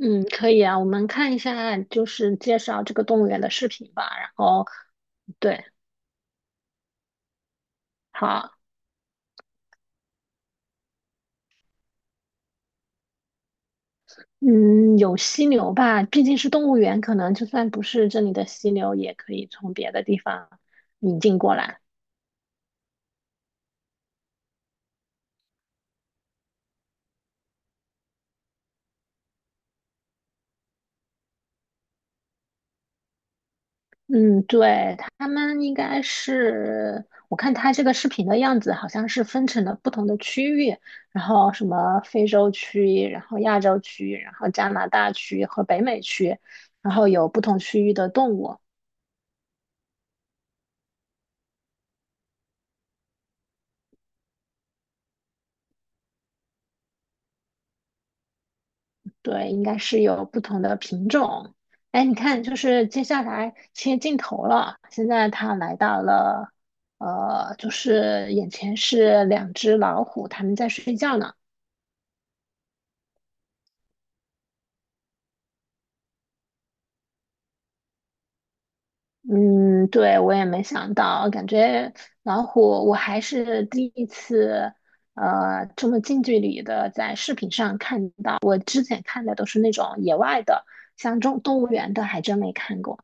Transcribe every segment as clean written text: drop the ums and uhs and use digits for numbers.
嗯，可以啊，我们看一下就是介绍这个动物园的视频吧。然后，对，好，嗯，有犀牛吧，毕竟是动物园，可能就算不是这里的犀牛，也可以从别的地方引进过来。嗯，对，他们应该是，我看他这个视频的样子，好像是分成了不同的区域，然后什么非洲区，然后亚洲区，然后加拿大区和北美区，然后有不同区域的动物。对，应该是有不同的品种。哎，你看，就是接下来切镜头了，现在它来到了，就是眼前是两只老虎，它们在睡觉呢。嗯，对，我也没想到，感觉老虎，我还是第一次，这么近距离的在视频上看到。我之前看的都是那种野外的，像这种动物园的还真没看过。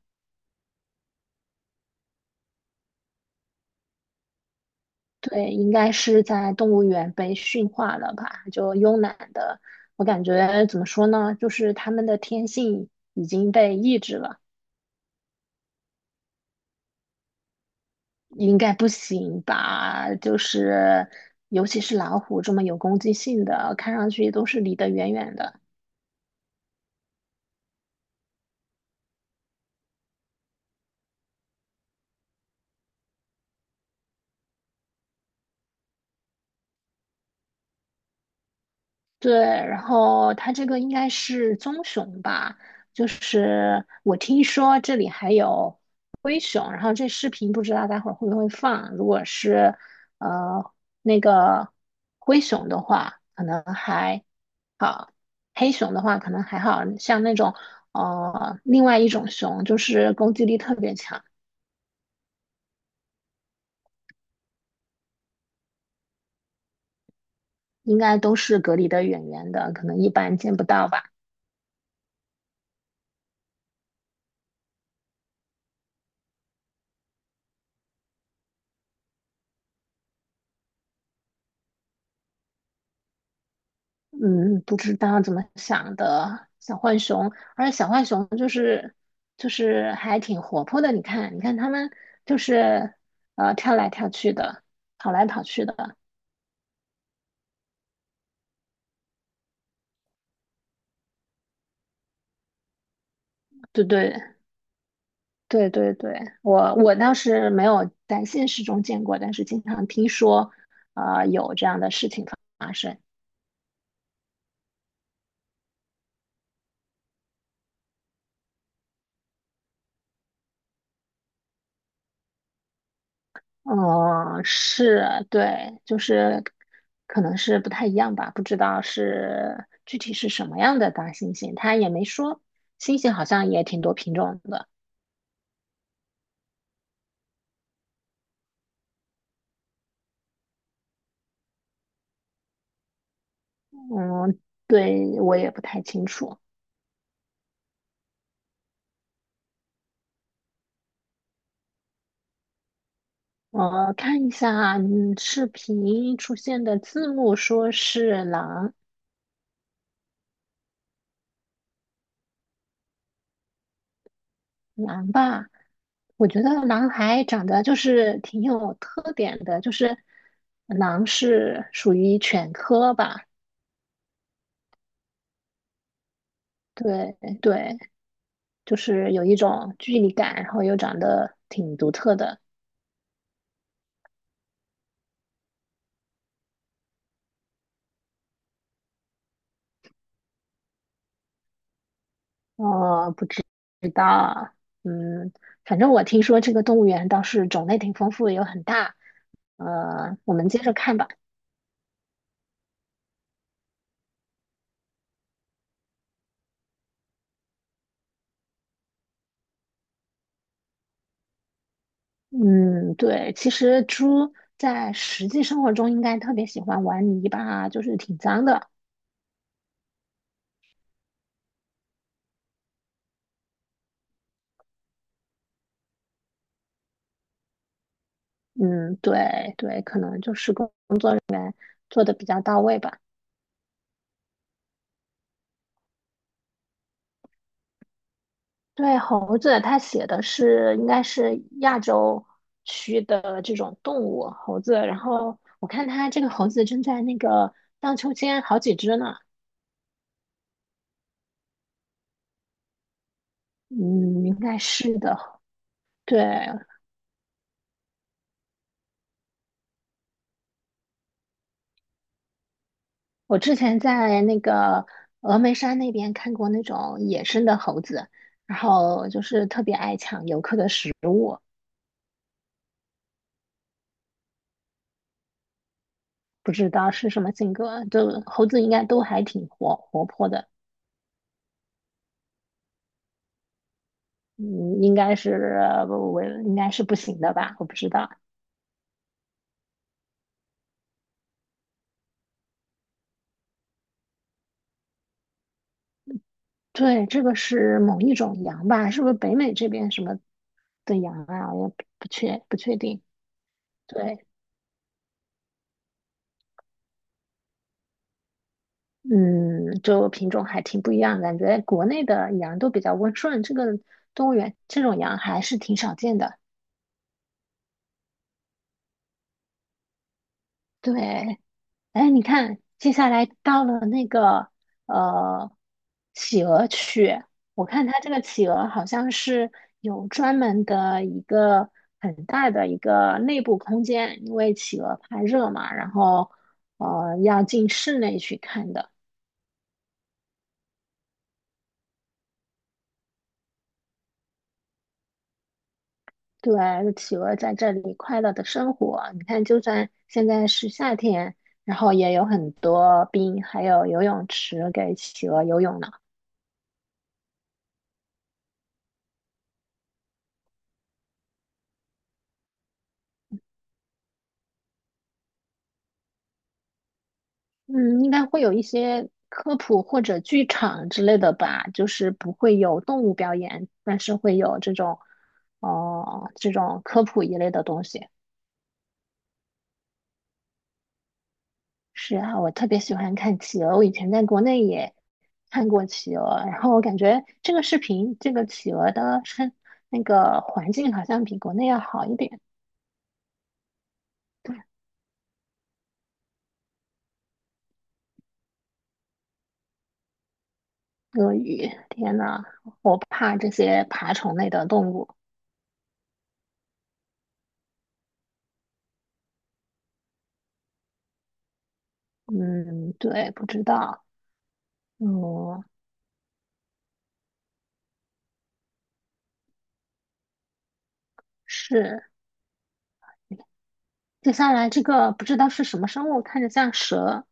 对，应该是在动物园被驯化了吧？就慵懒的，我感觉怎么说呢，就是它们的天性已经被抑制了，应该不行吧？就是尤其是老虎这么有攻击性的，看上去都是离得远远的。对，然后它这个应该是棕熊吧，就是我听说这里还有灰熊，然后这视频不知道待会儿会不会放。如果是呃那个灰熊的话，可能还好；黑熊的话可能还好，像那种另外一种熊，就是攻击力特别强，应该都是隔离的远远的，可能一般见不到吧。嗯，不知道怎么想的小浣熊，而且小浣熊就是还挺活泼的。你看，你看它们就是跳来跳去的，跑来跑去的。对对对对对，我倒是没有在现实中见过，但是经常听说有这样的事情发生。哦，是，对，就是可能是不太一样吧，不知道是具体是什么样的大猩猩，他也没说。猩猩好像也挺多品种的，嗯，对，我也不太清楚。我看一下，嗯，视频出现的字幕说是狼，狼吧，我觉得狼还长得就是挺有特点的，就是狼是属于犬科吧，对对。就是有一种距离感，然后又长得挺独特的。哦，不知道啊。嗯，反正我听说这个动物园倒是种类挺丰富，有很大。我们接着看吧。嗯，对，其实猪在实际生活中应该特别喜欢玩泥巴啊就是挺脏的。嗯，对，可能就是工作的比较到位吧。对，猴子它写的是应该是亚洲区的这种动物猴子，然后我看它这个猴子正在那个荡秋千好几只呢，嗯，应该是的。对，我之前在那个峨眉山那边看过那种野生的猴子，然后就是特别爱抢游客的食物，不知道是什么性格，就猴子应该都还挺活泼的，嗯，应该是不行的吧，我不知道。对，这个是某一种羊吧？是不是北美这边什么的羊啊？我也不确定。对，嗯，就品种还挺不一样，感觉国内的羊都比较温顺，这个动物园这种羊还是挺少见的。对，哎，你看，接下来到了那个呃企鹅区，我看它这个企鹅好像是有专门的一个很大的一个内部空间，因为企鹅怕热嘛，然后要进室内去看的。对，企鹅在这里快乐的生活。你看，就算现在是夏天，然后也有很多冰，还有游泳池给企鹅游泳呢。嗯，应该会有一些科普或者剧场之类的吧，就是不会有动物表演，但是会有这种，哦、这种科普一类的东西。是啊，我特别喜欢看企鹅，我以前在国内也看过企鹅，然后我感觉这个视频，这个企鹅的生那个环境好像比国内要好一点。鳄鱼，天呐，我怕这些爬虫类的动物。嗯，对，不知道。嗯，是。接下来这个不知道是什么生物，看着像蛇，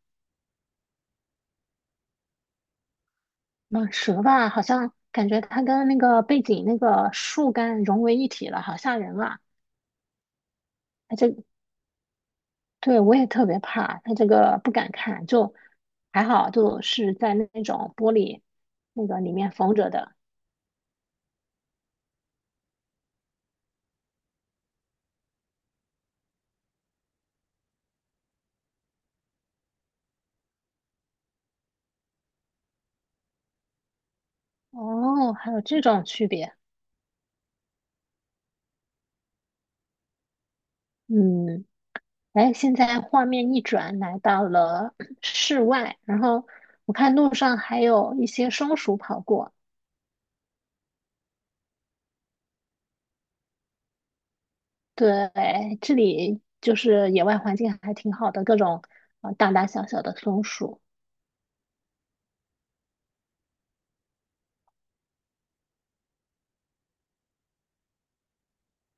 蟒蛇吧，好像感觉它跟那个背景那个树干融为一体了，好吓人啊！它这，对，我也特别怕，它这个不敢看，就还好，就是在那种玻璃那个里面缝着的。哦，还有这种区别，嗯，哎，现在画面一转，来到了 室外，然后我看路上还有一些松鼠跑过。对，这里就是野外环境还挺好的，各种大大小小的松鼠。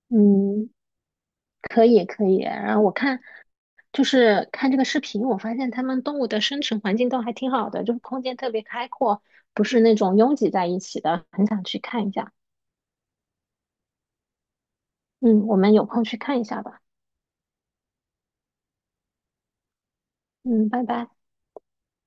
嗯，可以可以。然后我看就是看这个视频，我发现他们动物的生存环境都还挺好的，就是空间特别开阔，不是那种拥挤在一起的，很想去看一下。嗯，我们有空去看一下吧。嗯，拜拜。